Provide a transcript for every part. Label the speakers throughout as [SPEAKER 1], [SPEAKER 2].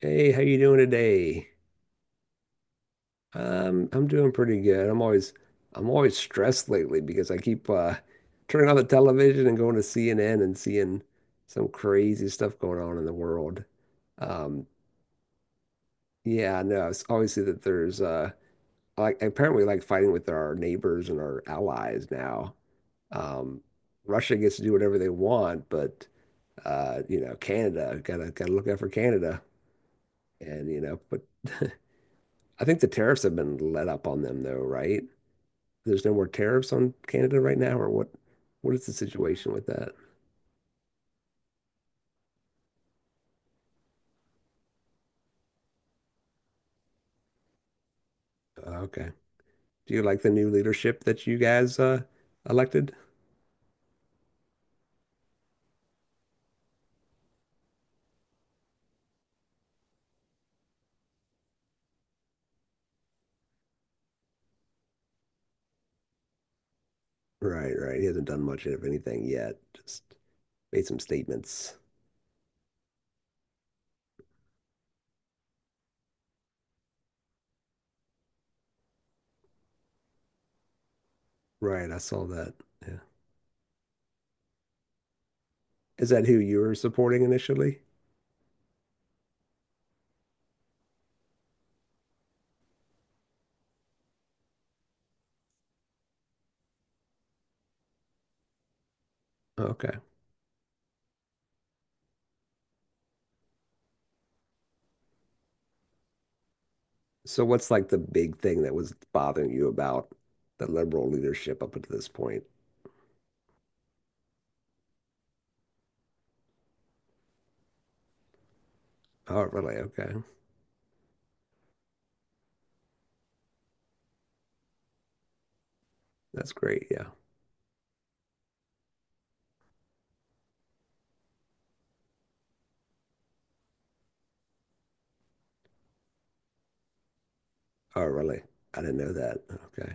[SPEAKER 1] Hey, how you doing today? I'm doing pretty good. I'm always stressed lately because I keep turning on the television and going to CNN and seeing some crazy stuff going on in the world. Um, yeah, no, it's always see that there's like apparently like fighting with our neighbors and our allies now. Um, Russia gets to do whatever they want, but you know, Canada gotta look out for Canada and you know, but I think the tariffs have been let up on them though, right? There's no more tariffs on Canada right now, or what? What is the situation with that? Okay. Do you like the new leadership that you guys elected? Right, right. He hasn't done much of anything yet. Just made some statements. Right, I saw that. Yeah. Is that who you were supporting initially? Okay. So what's like the big thing that was bothering you about the liberal leadership up until this point? Oh, really? Okay. That's great. Yeah. Oh, really? I didn't know that. Okay.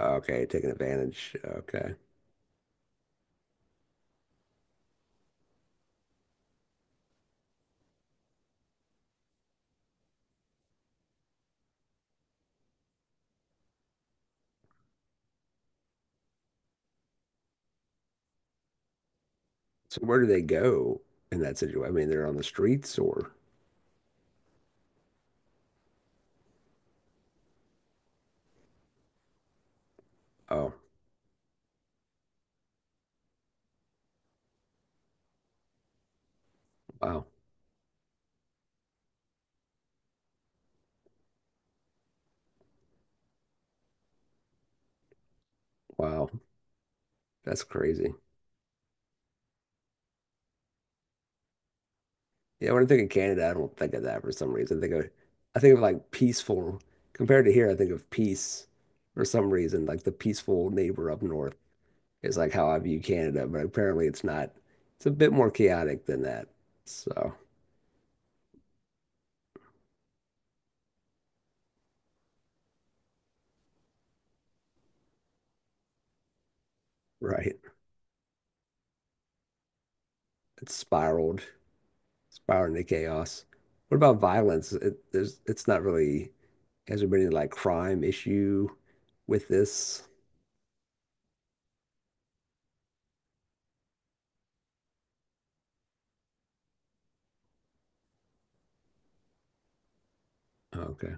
[SPEAKER 1] Okay, taking advantage. Okay. So where do they go in that situation? I mean, they're on the streets or oh, wow. Wow. That's crazy. Yeah, when I think of Canada, I don't think of that for some reason. I think of like peaceful compared to here, I think of peace for some reason. Like the peaceful neighbor up north is like how I view Canada, but apparently it's not, it's a bit more chaotic than that. So right. It's spiraled, spiraled into chaos. What about violence? It, there's it's not really. Has there been any like crime issue with this? Oh, okay.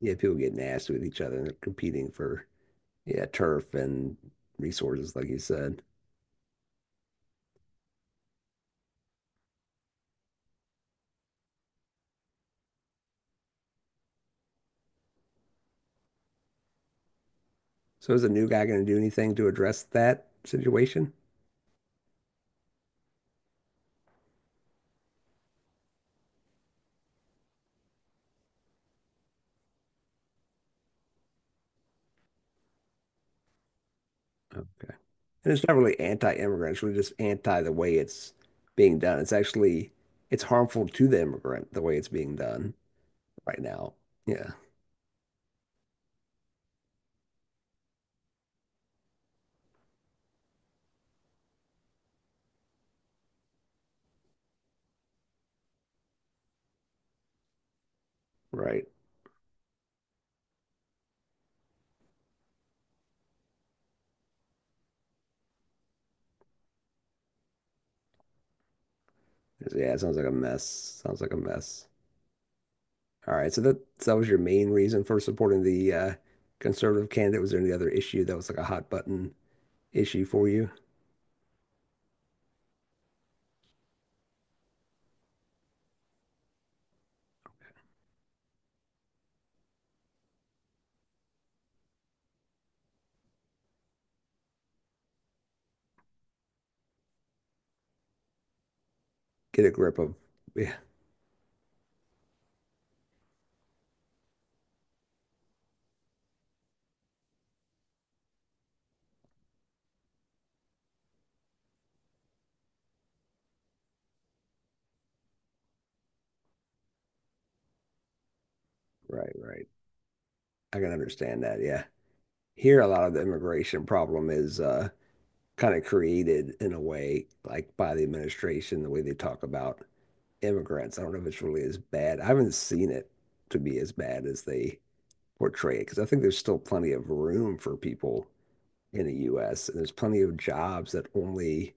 [SPEAKER 1] Yeah, people get nasty with each other and they're competing for, yeah, turf and resources, like you said. So is the new guy going to do anything to address that situation? Okay. And it's not really anti-immigrant, it's really just anti the way it's being done. It's actually it's harmful to the immigrant the way it's being done right now. Yeah, right. Yeah, it sounds like a mess. Sounds like a mess. All right, so that so that was your main reason for supporting the conservative candidate. Was there any other issue that was like a hot button issue for you? Get a grip of, yeah, right, right. I can understand that. Yeah, here a lot of the immigration problem is kind of created in a way like by the administration, the way they talk about immigrants. I don't know if it's really as bad. I haven't seen it to be as bad as they portray it because I think there's still plenty of room for people in the U.S. and there's plenty of jobs that only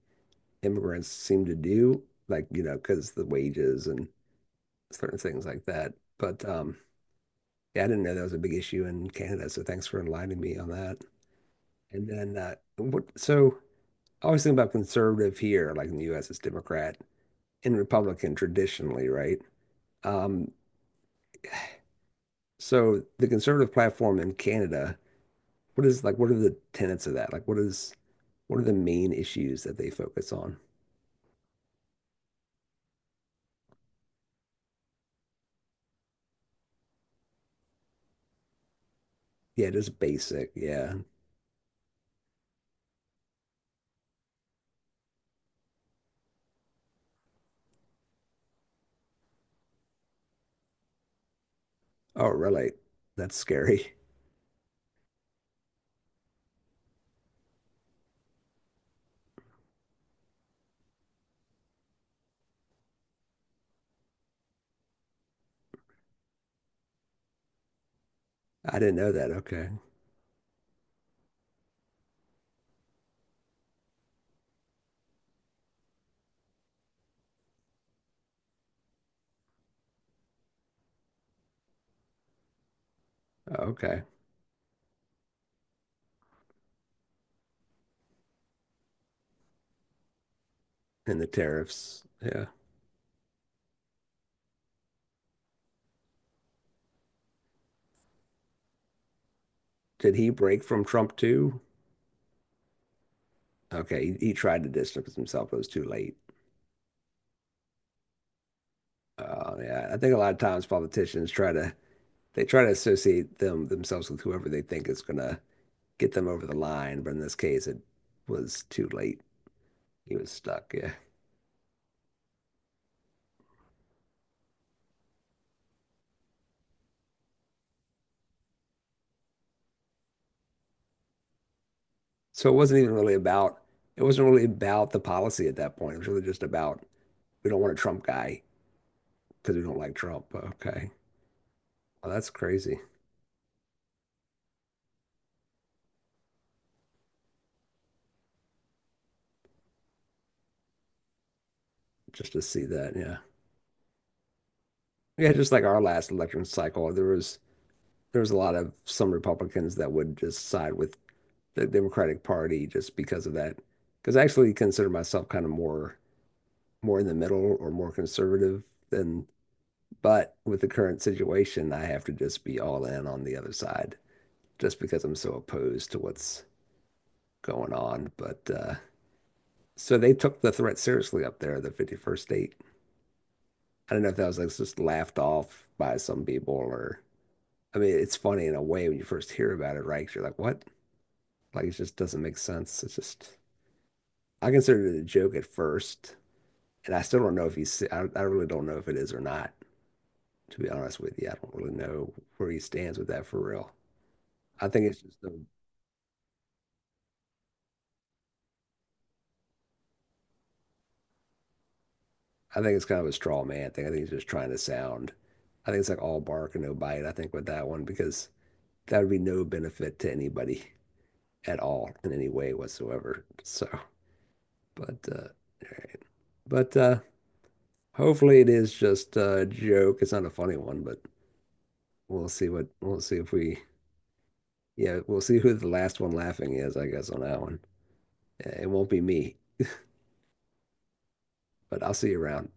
[SPEAKER 1] immigrants seem to do, like, you know, because the wages and certain things like that. But yeah, I didn't know that was a big issue in Canada. So thanks for enlightening me on that. And then what? So I always think about conservative here, like in the U.S., it's Democrat and Republican traditionally, right? Um, so the conservative platform in Canada, what is like? What are the tenets of that? Like, what is what are the main issues that they focus on? Yeah, just basic. Yeah. Oh, really? That's scary. I didn't know that. Okay. Okay. And the tariffs. Yeah. Did he break from Trump too? Okay. He tried to distance himself, it was too late. Yeah. I think a lot of times politicians try to they try to associate them themselves with whoever they think is gonna get them over the line, but in this case it was too late. He was stuck. Yeah. So it wasn't even really about it wasn't really about the policy at that point. It was really just about we don't want a Trump guy because we don't like Trump. Okay. Well, that's crazy just to see that. Yeah. Yeah, just like our last election cycle, there was a lot of some Republicans that would just side with the Democratic Party just because of that. Because I actually consider myself kind of more more in the middle or more conservative than, but with the current situation, I have to just be all in on the other side just because I'm so opposed to what's going on. But so they took the threat seriously up there, the 51st state. I don't know if that was like just laughed off by some people or I mean, it's funny in a way when you first hear about it, right? 'Cause you're like, what? Like, it just doesn't make sense. It's just, I considered it a joke at first, and I still don't know if he's, se- I really don't know if it is or not, to be honest with you. I don't really know where he stands with that for real. I think it's just, a, I think it's kind of a straw man thing. I think he's just trying to sound, I think it's like all bark and no bite, I think, with that one, because that would be no benefit to anybody at all in any way whatsoever. So, but, all right. But hopefully it is just a joke. It's not a funny one, but we'll see what we'll see if we yeah, we'll see who the last one laughing is, I guess, on that one. It won't be me, but I'll see you around.